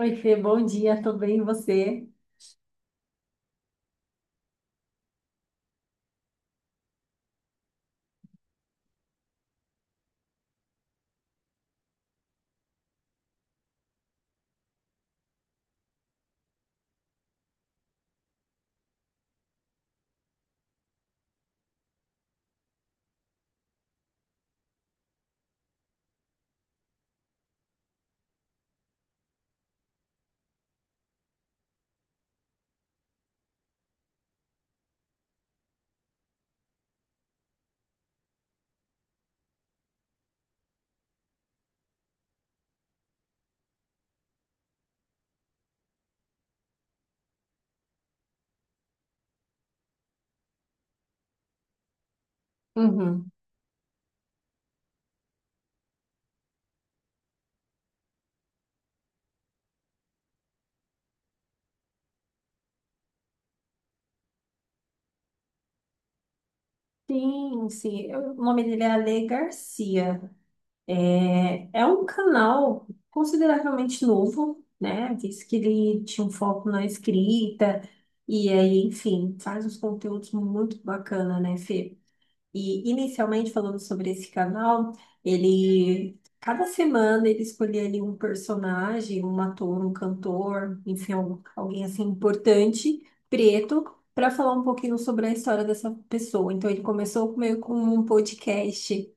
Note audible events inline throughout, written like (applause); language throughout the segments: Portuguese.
Oi, Fê, bom dia, tudo bem, e você? Uhum. Sim, sim, o nome dele é Ale Garcia. É um canal consideravelmente novo, né? Diz que ele tinha um foco na escrita, e aí, enfim, faz uns conteúdos muito bacana, né, Fê? E inicialmente falando sobre esse canal, ele cada semana ele escolhia ali um personagem, um ator, um cantor, enfim, alguém assim importante, preto, para falar um pouquinho sobre a história dessa pessoa. Então ele começou meio com um podcast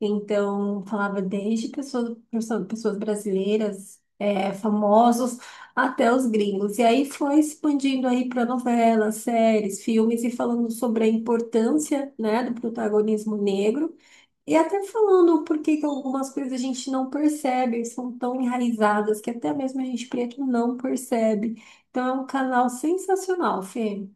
então, falava desde pessoas, pessoas brasileiras, famosos, até os gringos. E aí foi expandindo aí para novelas, séries, filmes e falando sobre a importância, né, do protagonismo negro. E até falando por que que algumas coisas a gente não percebe, são tão enraizadas que até mesmo a gente preto não percebe. Então, é um canal sensacional, Fê.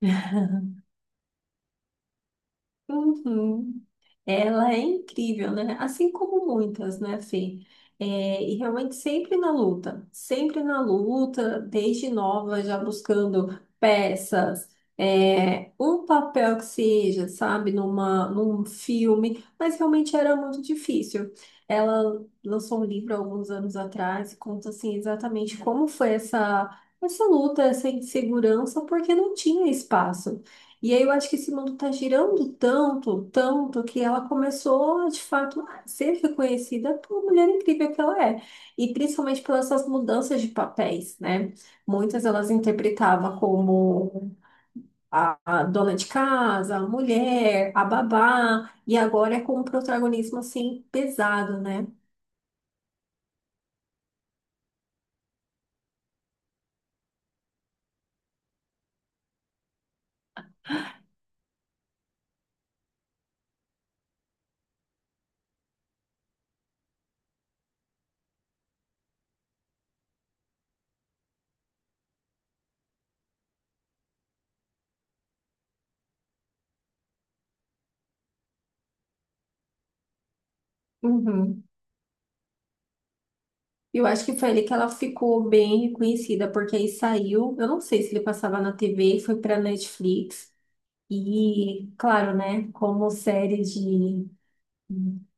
(laughs) Uhum. Ela é incrível, né? Assim como muitas, né, Fê? É, e realmente sempre na luta, desde nova, já buscando peças, um papel que seja, sabe, num filme, mas realmente era muito difícil. Ela lançou um livro há alguns anos atrás e conta, assim, exatamente como foi essa luta, essa insegurança, porque não tinha espaço. E aí eu acho que esse mundo está girando tanto, tanto, que ela começou, de fato, a ser reconhecida por mulher incrível que ela é. E principalmente pelas essas mudanças de papéis, né? Muitas elas interpretavam como a dona de casa, a mulher, a babá, e agora é com um protagonismo, assim, pesado, né? Uhum. Eu acho que foi ali que ela ficou bem reconhecida, porque aí saiu, eu não sei se ele passava na TV, foi para Netflix. E, claro, né, como série de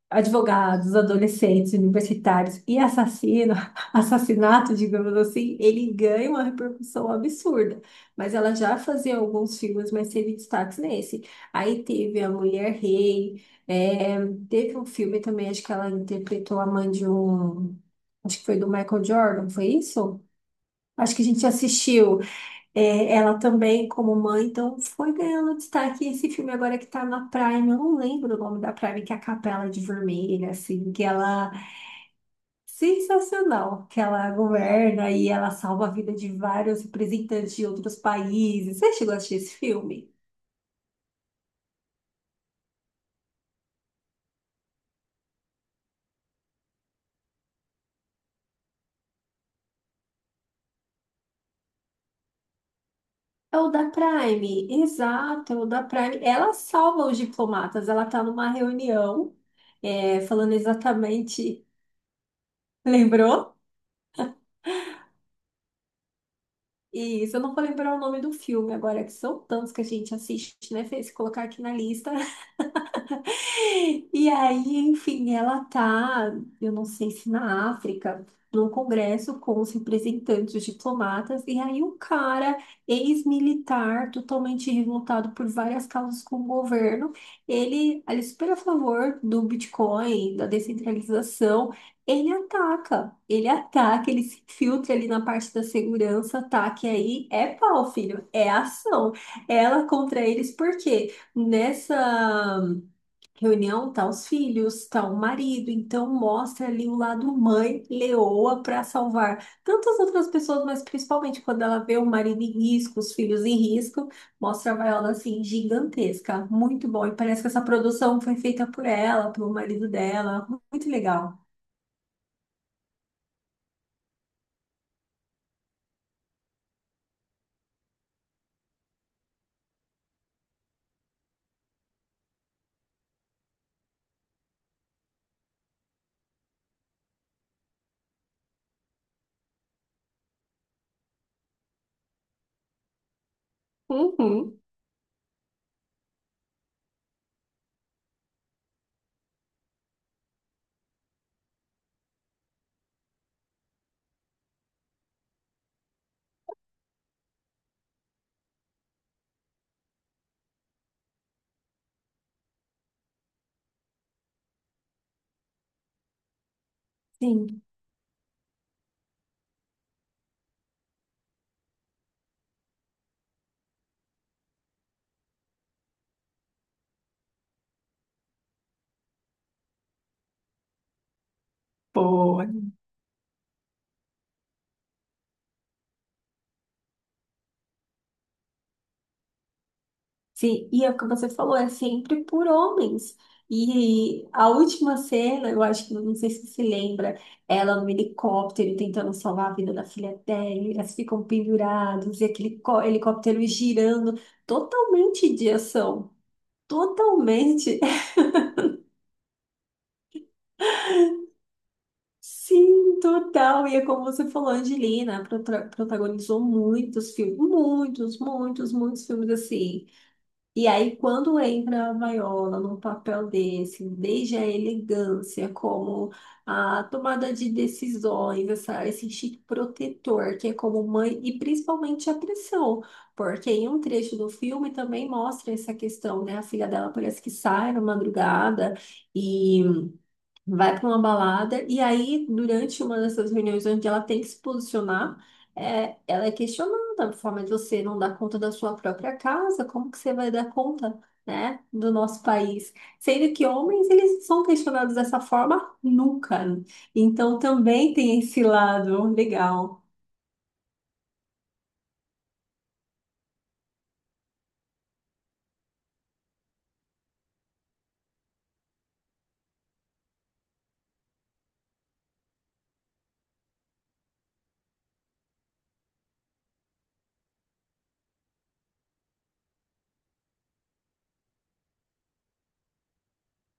advogados, adolescentes, universitários e assassino, (laughs) assassinato, digamos assim, ele ganha uma repercussão absurda. Mas ela já fazia alguns filmes, mas teve destaques nesse. Aí teve A Mulher Rei, teve um filme também, acho que ela interpretou a mãe de um. Acho que foi do Michael Jordan, foi isso? Acho que a gente assistiu. É, ela também, como mãe, então foi ganhando destaque. E esse filme agora que tá na Prime, eu não lembro o nome da Prime, que é a Capela de Vermelha, assim, que ela. Sensacional, que ela governa e ela salva a vida de vários representantes de outros países. Você chegou a assistir esse filme? É o da Prime, exato, é o da Prime. Ela salva os diplomatas, ela tá numa reunião, falando exatamente. (laughs) Lembrou? Isso, eu não vou lembrar o nome do filme agora, que são tantos que a gente assiste, né, Fê? Se colocar aqui na lista, e aí, enfim, ela tá, eu não sei se na África, num congresso com os representantes diplomatas, e aí um cara, ex-militar, totalmente revoltado por várias causas com o governo, ele é super a favor do Bitcoin, da descentralização, ele ataca, ele ataca, ele se filtra ali na parte da segurança, ataque aí é pau, filho, é ação. Ela contra eles, por quê? Nessa reunião tá os filhos, tá o marido, então mostra ali o lado mãe leoa para salvar tantas outras pessoas, mas principalmente quando ela vê o marido em risco, os filhos em risco, mostra a Viola assim gigantesca, muito bom. E parece que essa produção foi feita por ela, pelo marido dela, muito legal. Uhum. Sim. Boa. Sim, e é o que você falou, é sempre por homens. E a última cena, eu acho que não sei se você lembra, ela no helicóptero tentando salvar a vida da filha dela, e elas ficam pendurados, e aquele helicóptero girando, totalmente de ação, totalmente. (laughs) Sim, total. E é como você falou, a Angelina protagonizou muitos filmes, muitos, muitos, muitos filmes assim. E aí, quando entra a Viola num papel desse, desde a elegância, como a tomada de decisões, esse instinto protetor, que é como mãe, e principalmente a pressão, porque em um trecho do filme também mostra essa questão, né? A filha dela parece que sai na madrugada e vai para uma balada e aí, durante uma dessas reuniões onde ela tem que se posicionar, ela é questionada, a forma de você não dar conta da sua própria casa, como que você vai dar conta, né, do nosso país? Sendo que homens, eles são questionados dessa forma nunca. Então, também tem esse lado legal.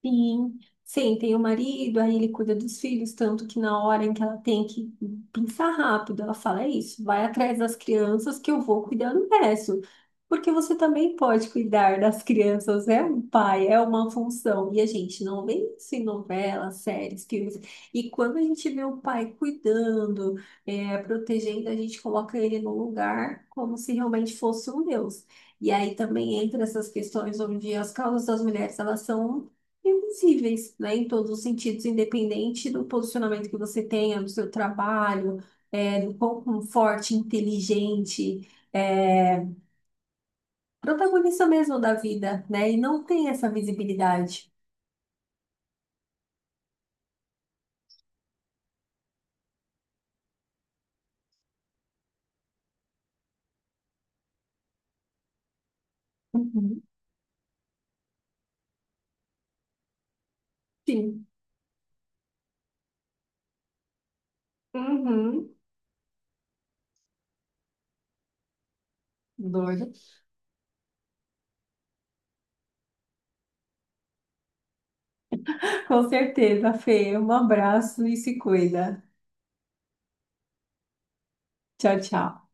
Sim, sim, tem o marido, aí ele cuida dos filhos, tanto que na hora em que ela tem que pensar rápido, ela fala, é isso, vai atrás das crianças que eu vou cuidar do resto. Porque você também pode cuidar das crianças, é um pai, é uma função. E a gente não vê isso em novelas, séries, filmes. E quando a gente vê o pai cuidando, protegendo, a gente coloca ele no lugar como se realmente fosse um deus. E aí também entra essas questões onde as causas das mulheres, elas são invisíveis, né, em todos os sentidos, independente do posicionamento que você tenha no seu trabalho, do quão forte, inteligente, é, protagonista mesmo da vida, né, e não tem essa visibilidade. Uhum. Sim. Uhum. Doido. Com certeza, Fê. Um abraço e se cuida. Tchau, tchau.